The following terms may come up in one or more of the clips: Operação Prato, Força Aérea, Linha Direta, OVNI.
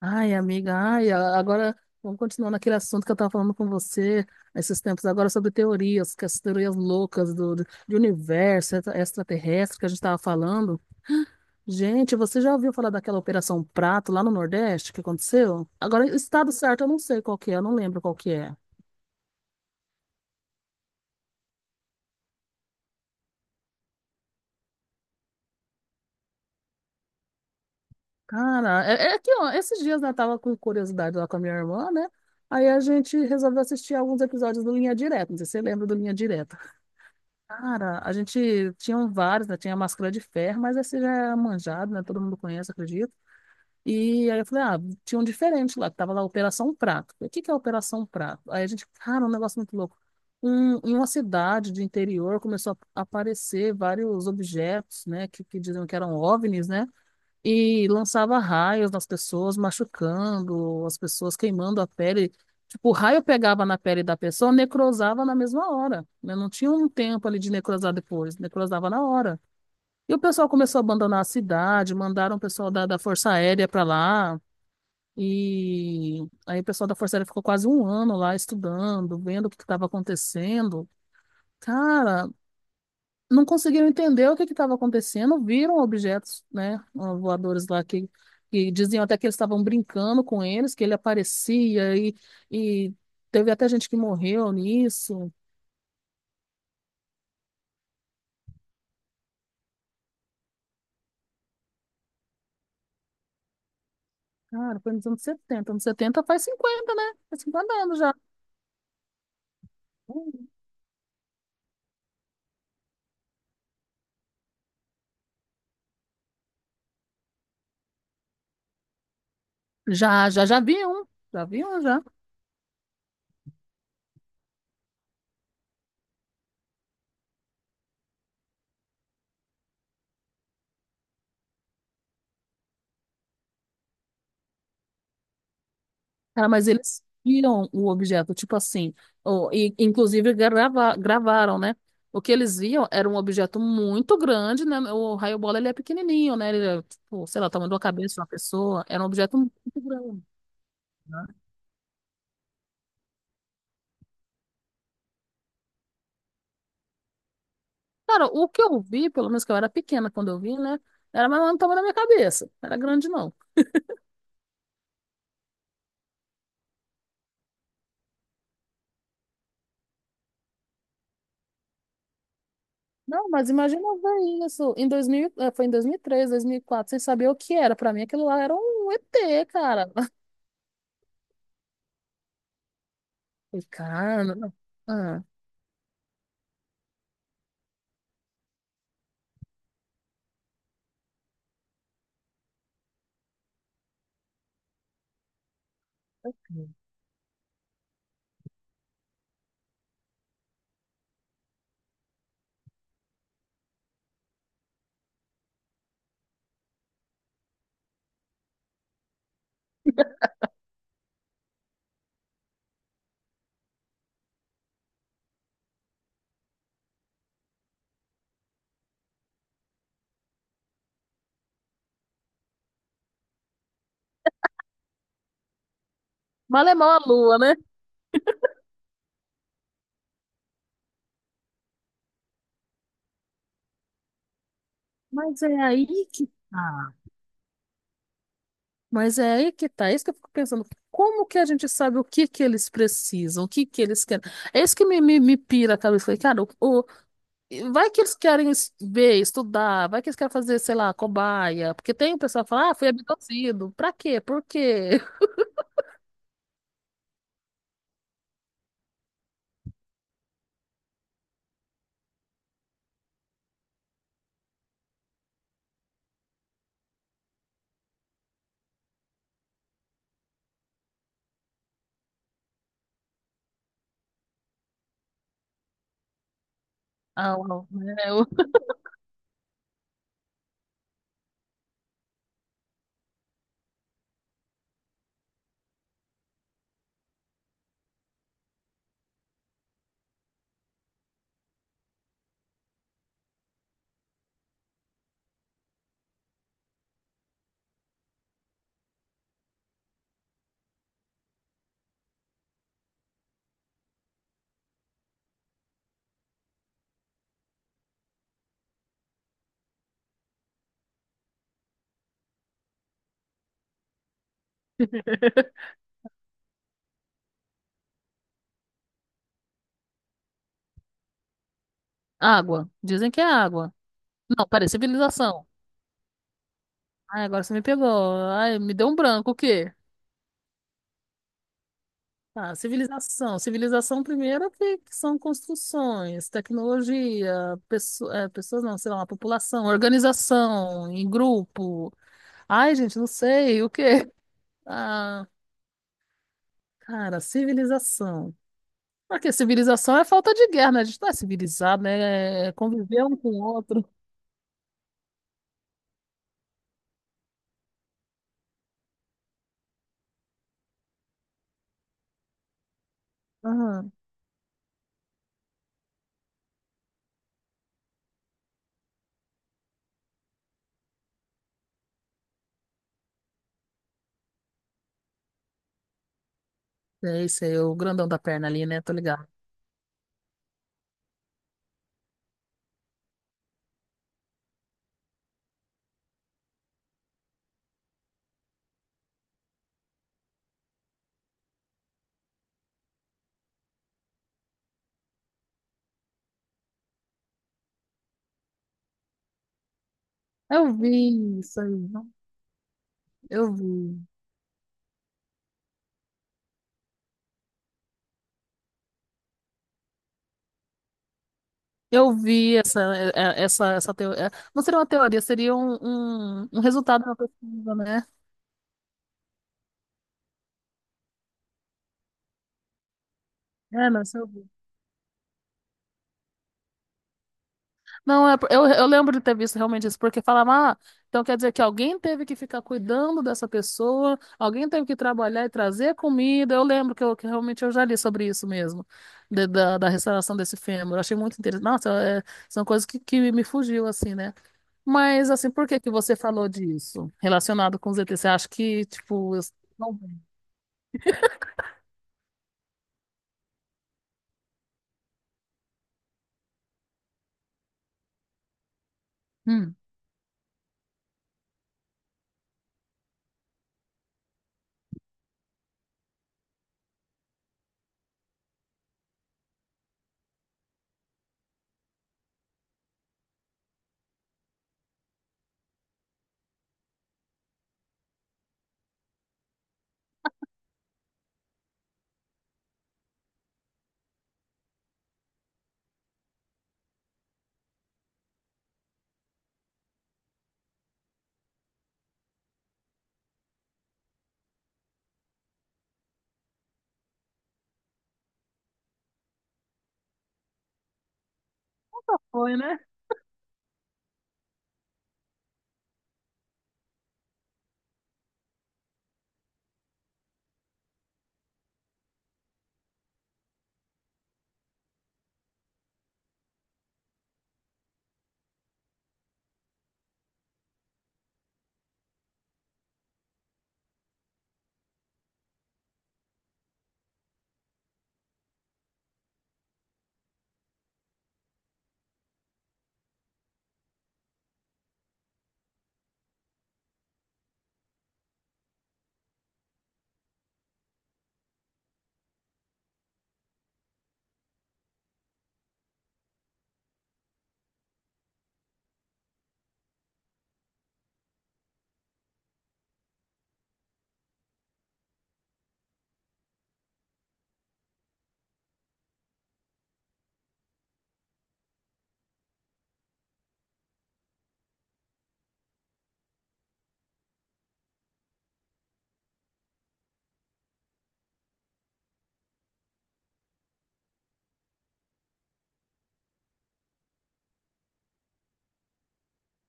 Ai, amiga, ai, a- Agora vamos continuar naquele assunto que eu estava falando com você esses tempos agora sobre teorias, que as teorias loucas de universo extraterrestre que a gente estava falando. Gente, você já ouviu falar daquela Operação Prato lá no Nordeste que aconteceu? Agora, o estado certo eu não sei qual que é, eu não lembro qual que é. Cara, é que ó, esses dias né, eu tava com curiosidade lá com a minha irmã, né? Aí a gente resolveu assistir alguns episódios do Linha Direta. Não sei se você lembra do Linha Direta. Cara, a gente tinha vários, né? Tinha a máscara de ferro, mas esse já é manjado, né? Todo mundo conhece, acredito. E aí eu falei, ah, tinha um diferente lá, que tava lá Operação Prato. O que que é Operação Prato? Aí a gente, cara, um negócio muito louco. Um, em uma cidade de interior começou a aparecer vários objetos, né? Que diziam que eram OVNIs, né? E lançava raios nas pessoas, machucando as pessoas, queimando a pele. Tipo, o raio pegava na pele da pessoa, necrosava na mesma hora, né? Não tinha um tempo ali de necrosar depois, necrosava na hora. E o pessoal começou a abandonar a cidade, mandaram o pessoal da Força Aérea para lá. E aí o pessoal da Força Aérea ficou quase um ano lá estudando, vendo o que estava acontecendo. Cara, não conseguiram entender o que estava acontecendo, viram objetos, né, voadores lá que, diziam até que eles estavam brincando com eles, que ele aparecia e teve até gente que morreu nisso. Cara, foi nos anos 70. Anos 70 faz 50, né? Faz 50 anos já. Já vi um. Já vi um, já. Cara, mas eles viram o objeto, tipo assim, inclusive gravaram, né? O que eles viam era um objeto muito grande, né? O raio bola, ele é pequenininho, né? Ele é, tipo, sei lá, o tamanho da cabeça de uma pessoa. Era um objeto muito grande, né? Cara, o que eu vi, pelo menos que eu era pequena quando eu vi, né? Era mais ou menos o tamanho da minha cabeça. Não era grande, não. Não, mas imagina ver isso. Em 2000, foi em 2003, quatro sem saber o que era. Pra mim, aquilo lá era um ET, cara. Falei, cara, não. Ah. Malemão a lua, né? Mas é aí que tá. Mas é aí que tá. É isso que eu fico pensando. Como que a gente sabe o que que eles precisam, o que que eles querem? É isso que me pira a cabeça. Falei, cara, vai que eles querem ver, estudar, vai que eles querem fazer, sei lá, cobaia. Porque tem o pessoal que fala, ah, fui abduzido. Pra quê? Por quê? Ah, o- é o- Água. Dizem que é água. Não, peraí, civilização. Ai, agora você me pegou. Ai, me deu um branco, o quê? Ah, civilização. Civilização, primeiro, que são construções, tecnologia, pessoas, não, sei lá, uma população, organização, em grupo. Ai, gente, não sei, o quê? Ah, cara, civilização. Porque civilização é falta de guerra, né? A gente não é civilizado, né? É conviver um com o outro. Ah, é isso aí, o grandão da perna ali, né? Tô ligado. Eu vi isso aí, não? Eu vi. Eu vi essa, é, é, essa teoria. Não seria uma teoria, seria um resultado da pesquisa, né? É, não, isso eu vi. Não, é, eu lembro de ter visto realmente isso, porque falava, ah, então quer dizer que alguém teve que ficar cuidando dessa pessoa, alguém teve que trabalhar e trazer comida. Eu lembro que, eu, que realmente eu já li sobre isso mesmo, da restauração desse fêmur. Eu achei muito interessante. Nossa, é, são coisas que me fugiu, assim, né? Mas, assim, por que que você falou disso relacionado com o ZT? Você acha que, tipo, Não. Hum. Foi, né?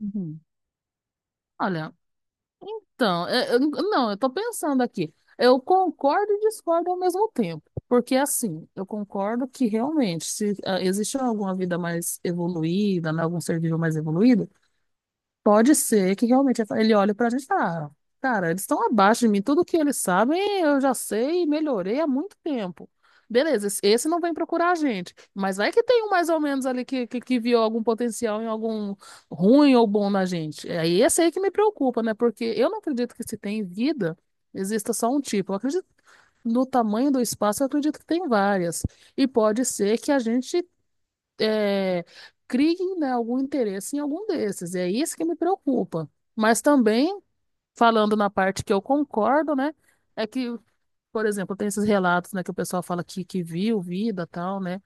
Uhum. Olha, então, não, eu tô pensando aqui. Eu concordo e discordo ao mesmo tempo. Porque, assim, eu concordo que realmente, se ah, existe alguma vida mais evoluída, né, algum ser vivo mais evoluído, pode ser que realmente ele olhe pra gente e fala, "Ah, cara, eles estão abaixo de mim, tudo que eles sabem eu já sei e melhorei há muito tempo. Beleza, esse não vem procurar a gente, mas vai que tem um mais ou menos ali que viu algum potencial em algum ruim ou bom na gente. É aí esse aí que me preocupa, né? Porque eu não acredito que se tem vida, exista só um tipo. Eu acredito no tamanho do espaço, eu acredito que tem várias. E pode ser que a gente é, criem, né, algum interesse em algum desses. É isso que me preocupa. Mas também, falando na parte que eu concordo, né, é que, por exemplo, tem esses relatos, né, que o pessoal fala que, viu vida, tal, né,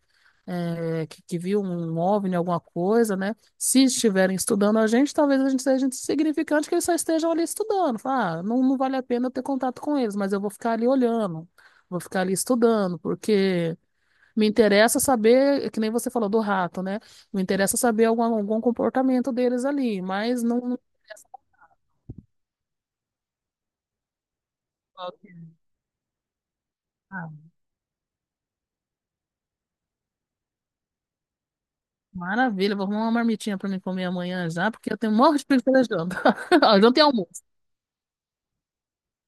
que, viu um OVNI, alguma coisa, né. Se estiverem estudando a gente, talvez a gente seja insignificante que eles só estejam ali estudando. Fala, ah, não, não vale a pena eu ter contato com eles, mas eu vou ficar ali olhando, vou ficar ali estudando, porque me interessa saber, que nem você falou do rato, né? Me interessa saber algum comportamento deles ali, mas não interessa falar que é. Ah, maravilha, vou arrumar uma marmitinha para mim comer amanhã já, porque eu tenho um monte de preguiça da janta. A janta e almoço.